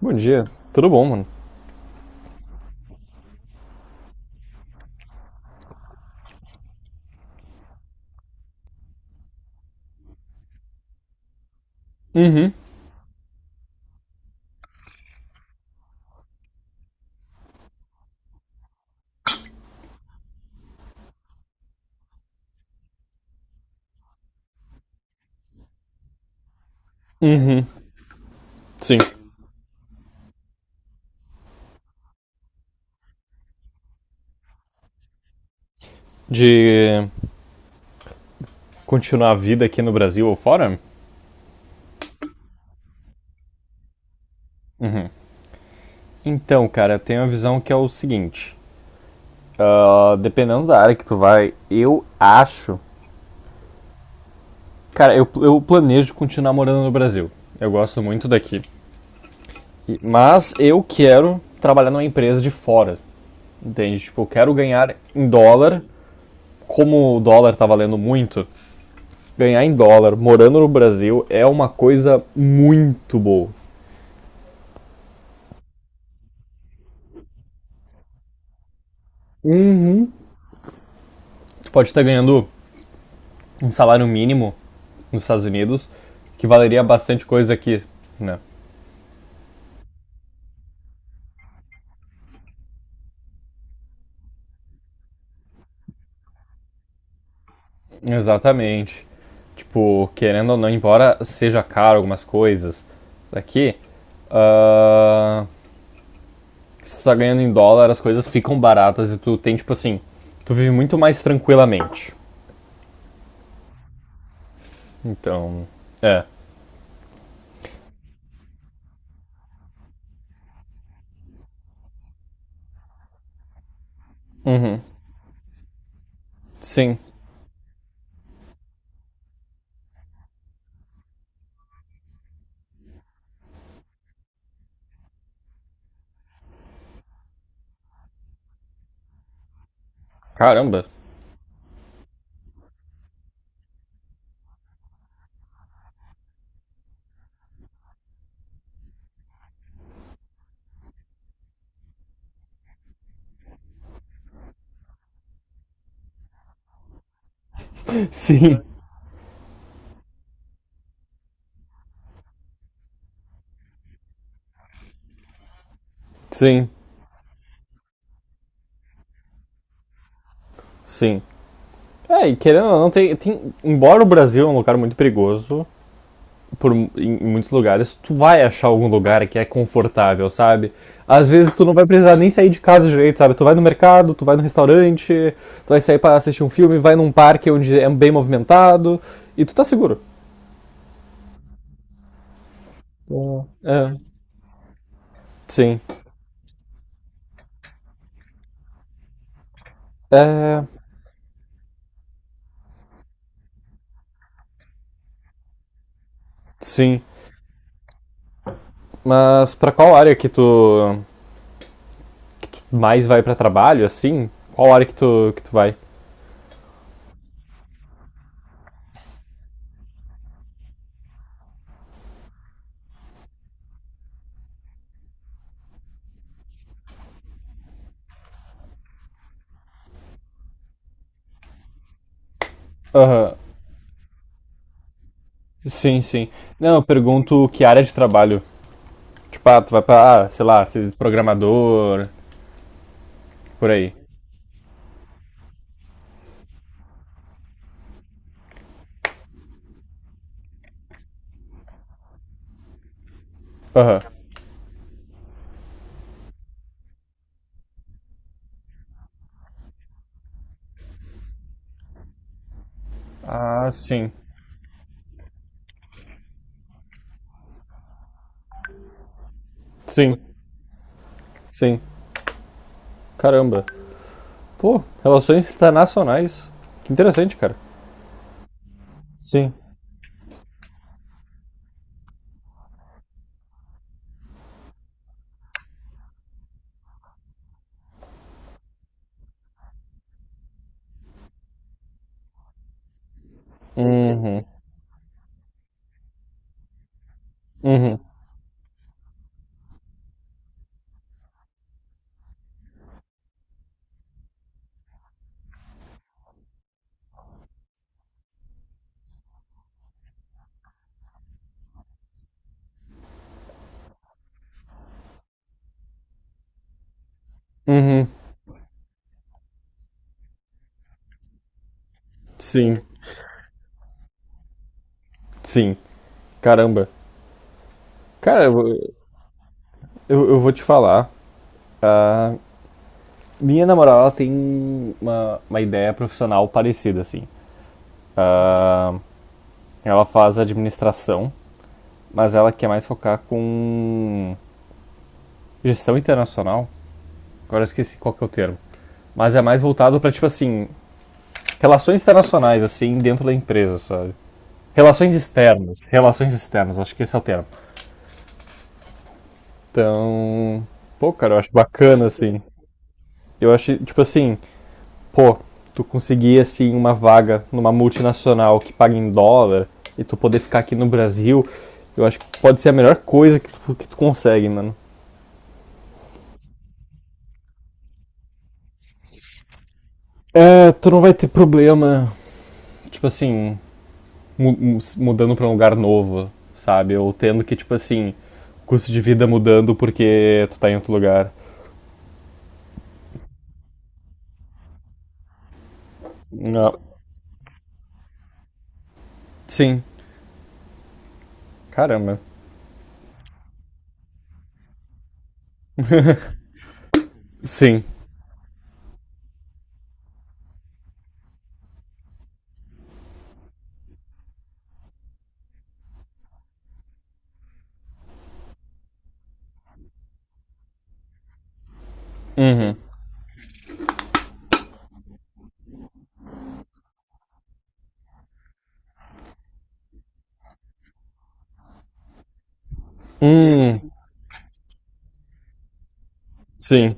Bom dia. Tudo bom, mano? Uhum. Uhum. Sim. De continuar a vida aqui no Brasil ou fora? Então, cara, eu tenho a visão que é o seguinte. Dependendo da área que tu vai, eu acho. Cara, eu planejo continuar morando no Brasil. Eu gosto muito daqui. Mas eu quero trabalhar numa empresa de fora. Entende? Tipo, eu quero ganhar em dólar. Como o dólar tá valendo muito, ganhar em dólar morando no Brasil é uma coisa muito boa. Uhum. Tu pode estar ganhando um salário mínimo nos Estados Unidos que valeria bastante coisa aqui, né? Exatamente. Tipo, querendo ou não, embora seja caro algumas coisas daqui, ah, se tu tá ganhando em dólar, as coisas ficam baratas e tu tem, tipo assim, tu vive muito mais tranquilamente. Então, é. Sim. Caramba. Sim. Sim. Sim. É, e querendo ou não, embora o Brasil é um lugar muito perigoso, em muitos lugares, tu vai achar algum lugar que é confortável, sabe? Às vezes tu não vai precisar nem sair de casa direito, sabe? Tu vai no mercado, tu vai no restaurante, tu vai sair para assistir um filme, vai num parque onde é bem movimentado e tu tá seguro. É, sim. É, sim. Mas pra qual área que tu mais vai pra trabalho, assim? Qual área que tu vai? Aham. Sim, sim. Não, eu pergunto que área de trabalho. Tipo, ah, tu vai pra, ah, sei lá, ser programador, por aí. Aham. Ah, sim. Sim, sim. Caramba. Pô, relações internacionais. Que interessante, cara. Sim. Uhum. Uhum. Uhum. Sim. Sim. Caramba. Cara, eu, vou- eu vou te falar. A minha namorada ela tem uma ideia profissional parecida, assim. Ela faz administração, mas ela quer mais focar com gestão internacional. Agora eu esqueci qual que é o termo. Mas é mais voltado pra, tipo assim, relações internacionais, assim, dentro da empresa, sabe? Relações externas. Relações externas, acho que esse é o termo. Então, pô, cara, eu acho bacana, assim. Eu acho, tipo assim, pô, tu conseguir, assim, uma vaga numa multinacional que paga em dólar e tu poder ficar aqui no Brasil, eu acho que pode ser a melhor coisa que tu consegue, mano. É, tu não vai ter problema, tipo assim, mu- mudando pra um lugar novo, sabe? Ou tendo que, tipo assim, custo de vida mudando porque tu tá em outro lugar. Não. Sim. Caramba. Sim. Hum. Hum. Sim.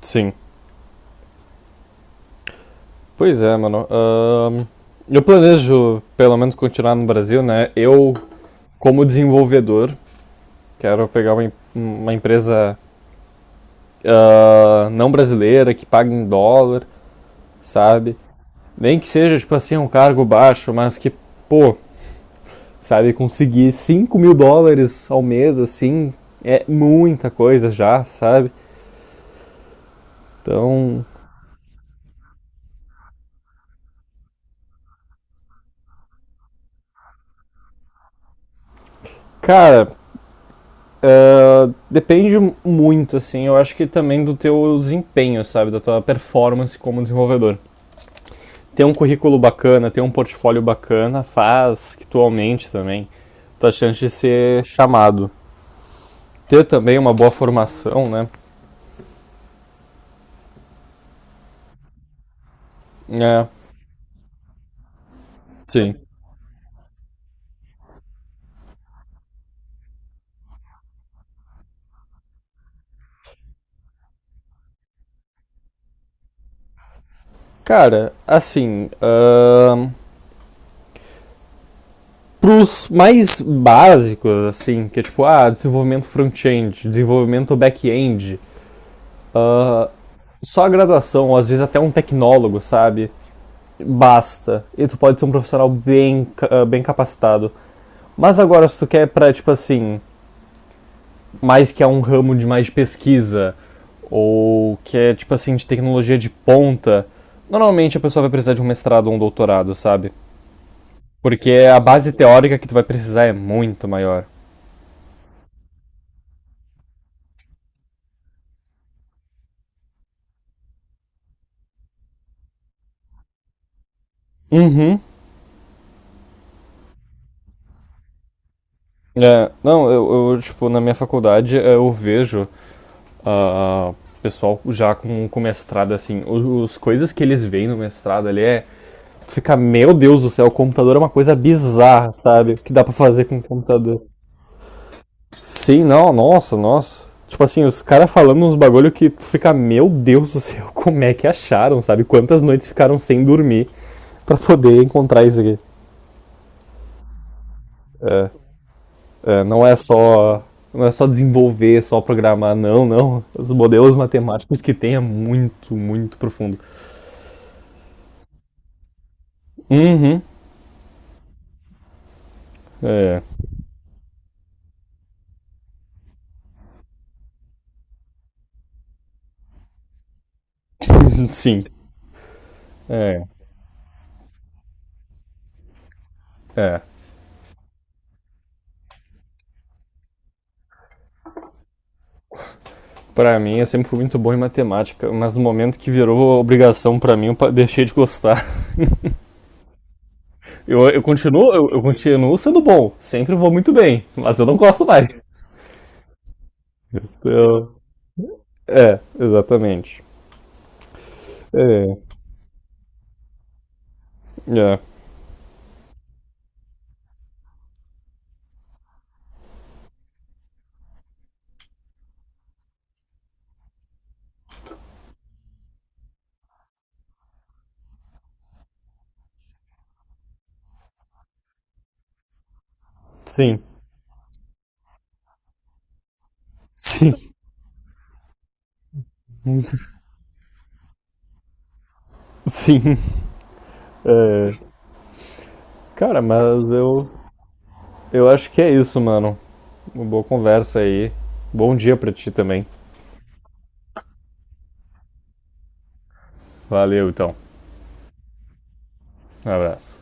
Sim. Pois é, mano. Eu planejo, pelo menos, continuar no Brasil, né? Eu, como desenvolvedor, quero pegar uma empresa não brasileira, que pague em dólar, sabe? Nem que seja, tipo assim, um cargo baixo, mas que, pô, sabe? Conseguir $5.000 ao mês, assim, é muita coisa já, sabe? Então, cara, depende muito, assim, eu acho que também do teu desempenho, sabe? Da tua performance como desenvolvedor. Ter um currículo bacana, ter um portfólio bacana, faz que tu aumente também tua chance de ser chamado. Ter também uma boa formação, né? É, sim. Cara, assim, pros mais básicos, assim, que é tipo, ah, desenvolvimento front-end, desenvolvimento back-end, uh, só a graduação, ou às vezes até um tecnólogo, sabe? Basta. E tu pode ser um profissional bem, bem capacitado. Mas agora, se tu quer pra, tipo assim, mais que é um ramo de mais de pesquisa, ou que é, tipo assim, de tecnologia de ponta, normalmente a pessoa vai precisar de um mestrado ou um doutorado, sabe? Porque a base teórica que tu vai precisar é muito maior. Uhum. É, não, tipo, na minha faculdade é, eu vejo ah, ah, pessoal já com mestrado, assim, os coisas que eles veem no mestrado ali é. Tu fica, meu Deus do céu, o computador é uma coisa bizarra, sabe? O que dá pra fazer com o computador. Sim, não, nossa, nossa. Tipo assim, os caras falando uns bagulho que tu fica, meu Deus do céu, como é que acharam, sabe? Quantas noites ficaram sem dormir pra poder encontrar isso aqui. É, é, não é só. Não é só desenvolver, só programar, não, não. Os modelos matemáticos que tem é muito, muito profundo. Uhum. É. Sim. É. É. Pra mim, eu sempre fui muito bom em matemática, mas no momento que virou obrigação pra mim, eu deixei de gostar. Eu continuo, eu continuo sendo bom, sempre vou muito bem, mas eu não gosto mais. Então, é, exatamente. É, é, sim, sim, sim. É, cara, eu acho que é isso, mano. Uma boa conversa aí. Bom dia pra ti também. Valeu, então. Um abraço.